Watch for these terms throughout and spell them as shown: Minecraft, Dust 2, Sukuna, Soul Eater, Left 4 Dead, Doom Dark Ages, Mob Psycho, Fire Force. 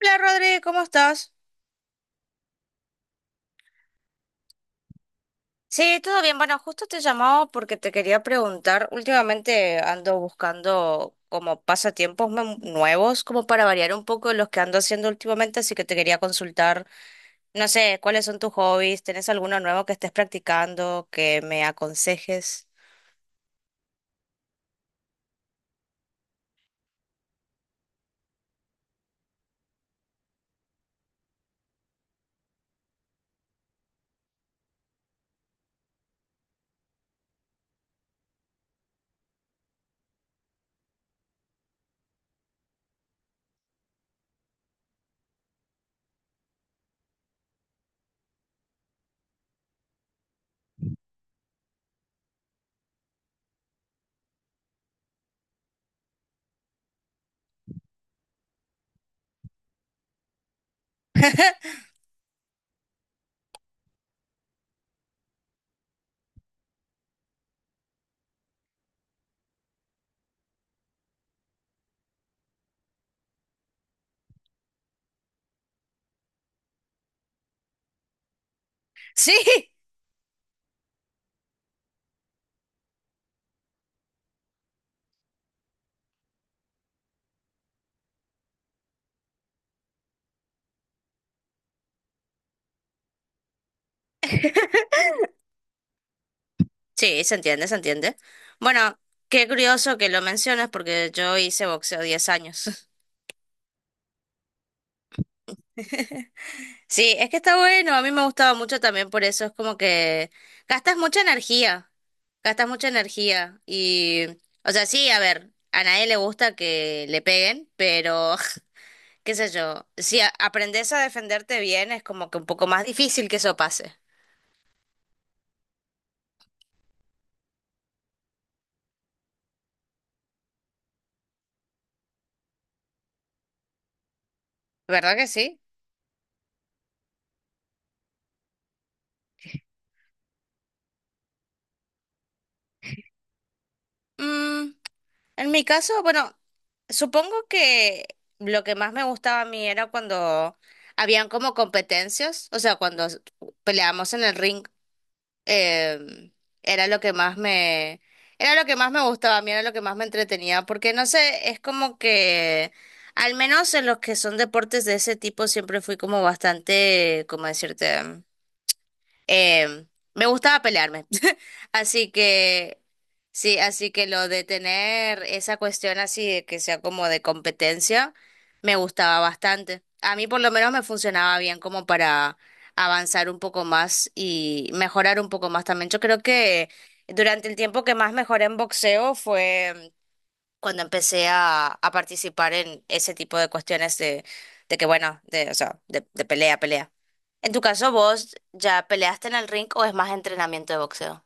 Hola Rodri, ¿cómo estás? Sí, todo bien. Bueno, justo te llamaba porque te quería preguntar. Últimamente ando buscando como pasatiempos nuevos, como para variar un poco los que ando haciendo últimamente, así que te quería consultar. No sé, ¿cuáles son tus hobbies? ¿Tenés alguno nuevo que estés practicando que me aconsejes? Sí, sí, se entiende, se entiende. Bueno, qué curioso que lo mencionas porque yo hice boxeo 10 años. Sí, es que está bueno, a mí me gustaba mucho también por eso, es como que gastas mucha energía, gastas mucha energía y, o sea, sí, a ver, a nadie le gusta que le peguen, pero qué sé yo, si aprendes a defenderte bien es como que un poco más difícil que eso pase, ¿verdad que sí? Mm, en mi caso, bueno, supongo que lo que más me gustaba a mí era cuando habían como competencias, o sea, peleábamos en el ring em, era lo que más me gustaba, a mí era lo que más me entretenía, porque no sé, es como que, al menos en los que son deportes de ese tipo, siempre fui como bastante, como decirte? em, me gustaba pelearme. Así que, sí, así que lo de tener esa cuestión así de que sea como de competencia, me gustaba bastante. A mí por lo menos me funcionaba bien como para avanzar un poco más y mejorar un poco más también. Yo creo que durante el tiempo que más mejoré en boxeo fue cuando empecé a participar en ese tipo de cuestiones de que, bueno, de, o sea, de pelea, pelea. En tu caso, ¿vos ya peleaste en el ring o es más entrenamiento de boxeo?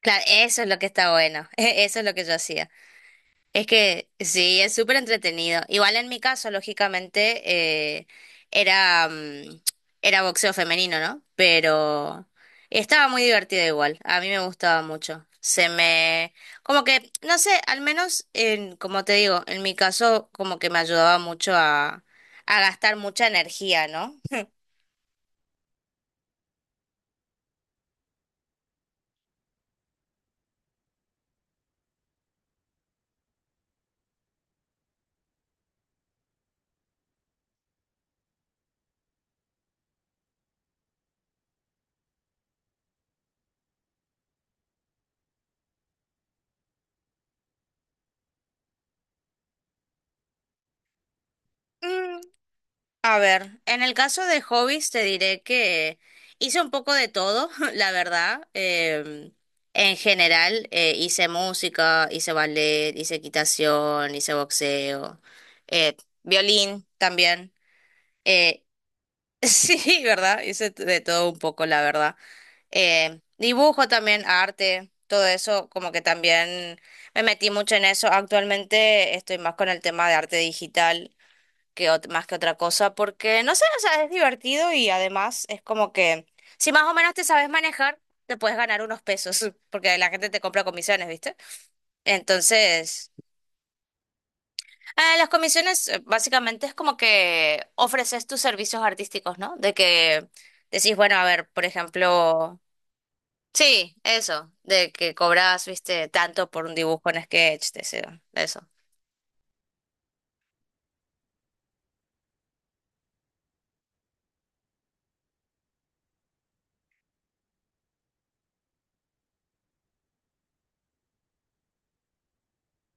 Claro, eso es lo que está bueno, eso es lo que yo hacía. Es que sí, es súper entretenido. Igual en mi caso, lógicamente, eh, era, mm, era boxeo femenino, ¿no? Pero estaba muy divertido igual, a mí me gustaba mucho. Como que, no sé, al menos, en, como te digo, en mi caso, como que me ayudaba mucho a gastar mucha energía, ¿no? A ver, en el caso de hobbies te diré que hice un poco de todo, la verdad. En general, hice música, hice ballet, hice equitación, hice boxeo, eh, violín también. Eh, sí, ¿verdad? Hice de todo un poco, la verdad. Dibujo también, arte, todo eso, como que también me metí mucho en eso. Actualmente estoy más con el tema de arte digital que más que otra cosa, porque no sé, o sea, es divertido y además es como que si más o menos te sabes manejar, te puedes ganar unos pesos, porque la gente te compra comisiones, ¿viste? Entonces, las comisiones básicamente es como que ofreces tus servicios artísticos, ¿no? De que decís, bueno, a ver, por ejemplo, sí, eso, de que cobras, viste, tanto por un dibujo en sketch, te eso.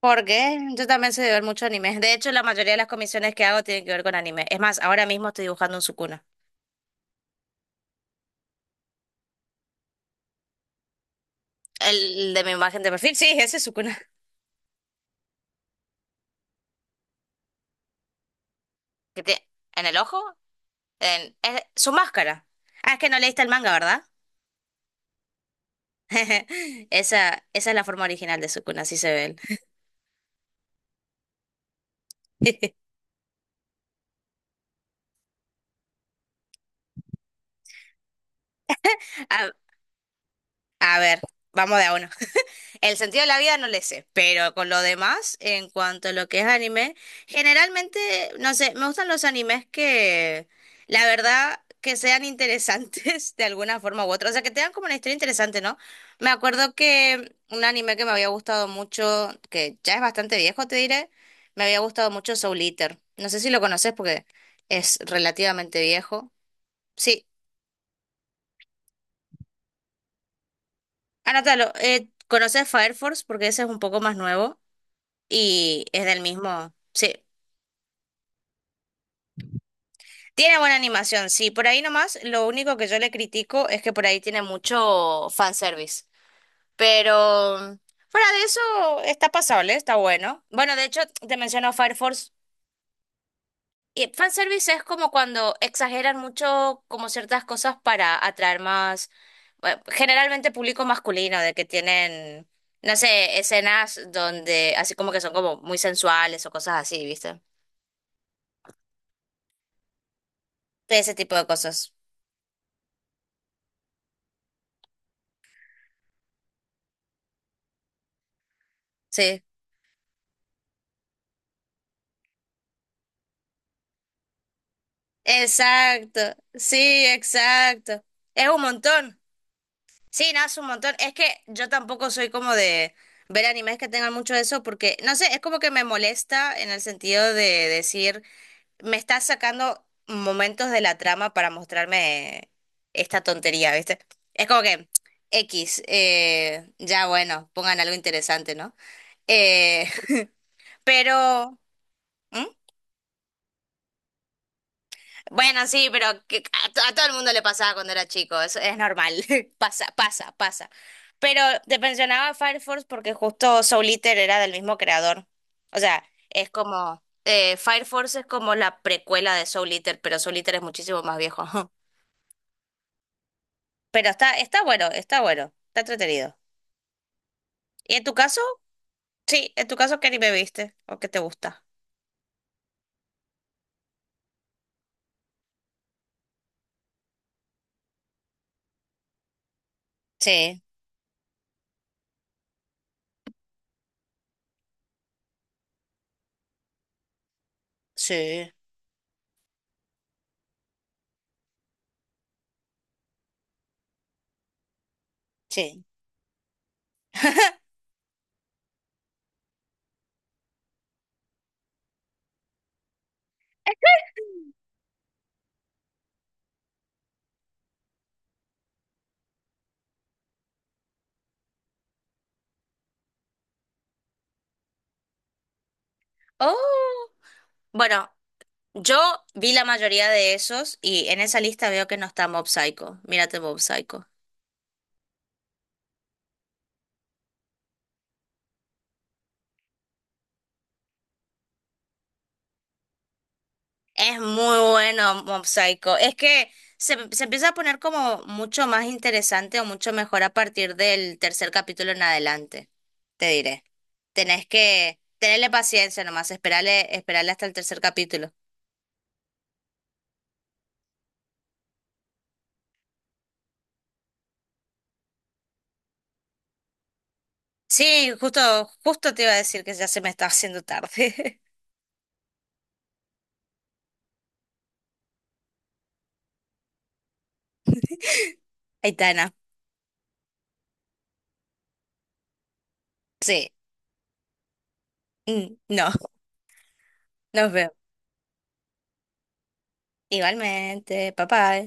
Porque yo también sé de ver mucho anime. De hecho, la mayoría de las comisiones que hago tienen que ver con anime. Es más, ahora mismo estoy dibujando un Sukuna. El de mi imagen de perfil, sí, ese es Sukuna. ¿Qué tiene? ¿En el ojo? Es su máscara. Ah, es que no leíste el manga, ¿verdad? Esa es la forma original de Sukuna, así se ve él. A, a ver, vamos de a uno. El sentido de la vida no le sé, pero con lo demás, en cuanto a lo que es anime, generalmente, no sé, me gustan los animes que, la verdad, que sean interesantes de alguna forma u otra, o sea, que tengan como una historia interesante, ¿no? Me acuerdo que un anime que me había gustado mucho, que ya es bastante viejo, te diré, me había gustado mucho Soul Eater. No sé si lo conoces porque es relativamente viejo. Sí, anótalo. ¿Conoces Fire Force? Porque ese es un poco más nuevo y es del mismo. Sí. Tiene buena animación, sí. Por ahí nomás, lo único que yo le critico es que por ahí tiene mucho fanservice. Pero fuera de eso, está pasable, está bueno. Bueno, de hecho, te menciono Fire Force. Y fanservice es como cuando exageran mucho como ciertas cosas para atraer más, bueno, generalmente público masculino, de que tienen, no sé, escenas donde así como que son como muy sensuales o cosas así, ¿viste? Ese tipo de cosas. Sí. Exacto, sí, exacto. Es un montón. Sí, no, es un montón. Es que yo tampoco soy como de ver animes que tengan mucho de eso, porque, no sé, es como que me molesta en el sentido de decir, me estás sacando momentos de la trama para mostrarme esta tontería, ¿viste? Es como que, X, ya bueno, pongan algo interesante, ¿no? Eh, pero... ¿Mm? Bueno, sí, pero que a todo el mundo le pasaba cuando era chico, eso es normal, pasa, pasa, pasa. Pero te mencionaba Fire Force porque justo Soul Eater era del mismo creador. O sea, es como, Fire Force es como la precuela de Soul Eater, pero Soul Eater es muchísimo más viejo. Pero está, está bueno, está bueno, está entretenido. ¿Y en tu caso? Sí, en tu caso, ¿qué anime viste o qué te gusta? Sí, sí, sí. Oh, bueno, yo vi la mayoría de esos y en esa lista veo que no está Mob Psycho. Mírate Mob Psycho. Es muy bueno Mob Psycho. Es que se empieza a poner como mucho más interesante o mucho mejor a partir del tercer capítulo en adelante. Te diré. Tenés que tenerle paciencia nomás, esperarle, esperarle hasta el tercer capítulo. Sí, justo, justo te iba a decir que ya se me está haciendo tarde. Aitana. Sí. Mm, no, nos vemos. Igualmente, papá.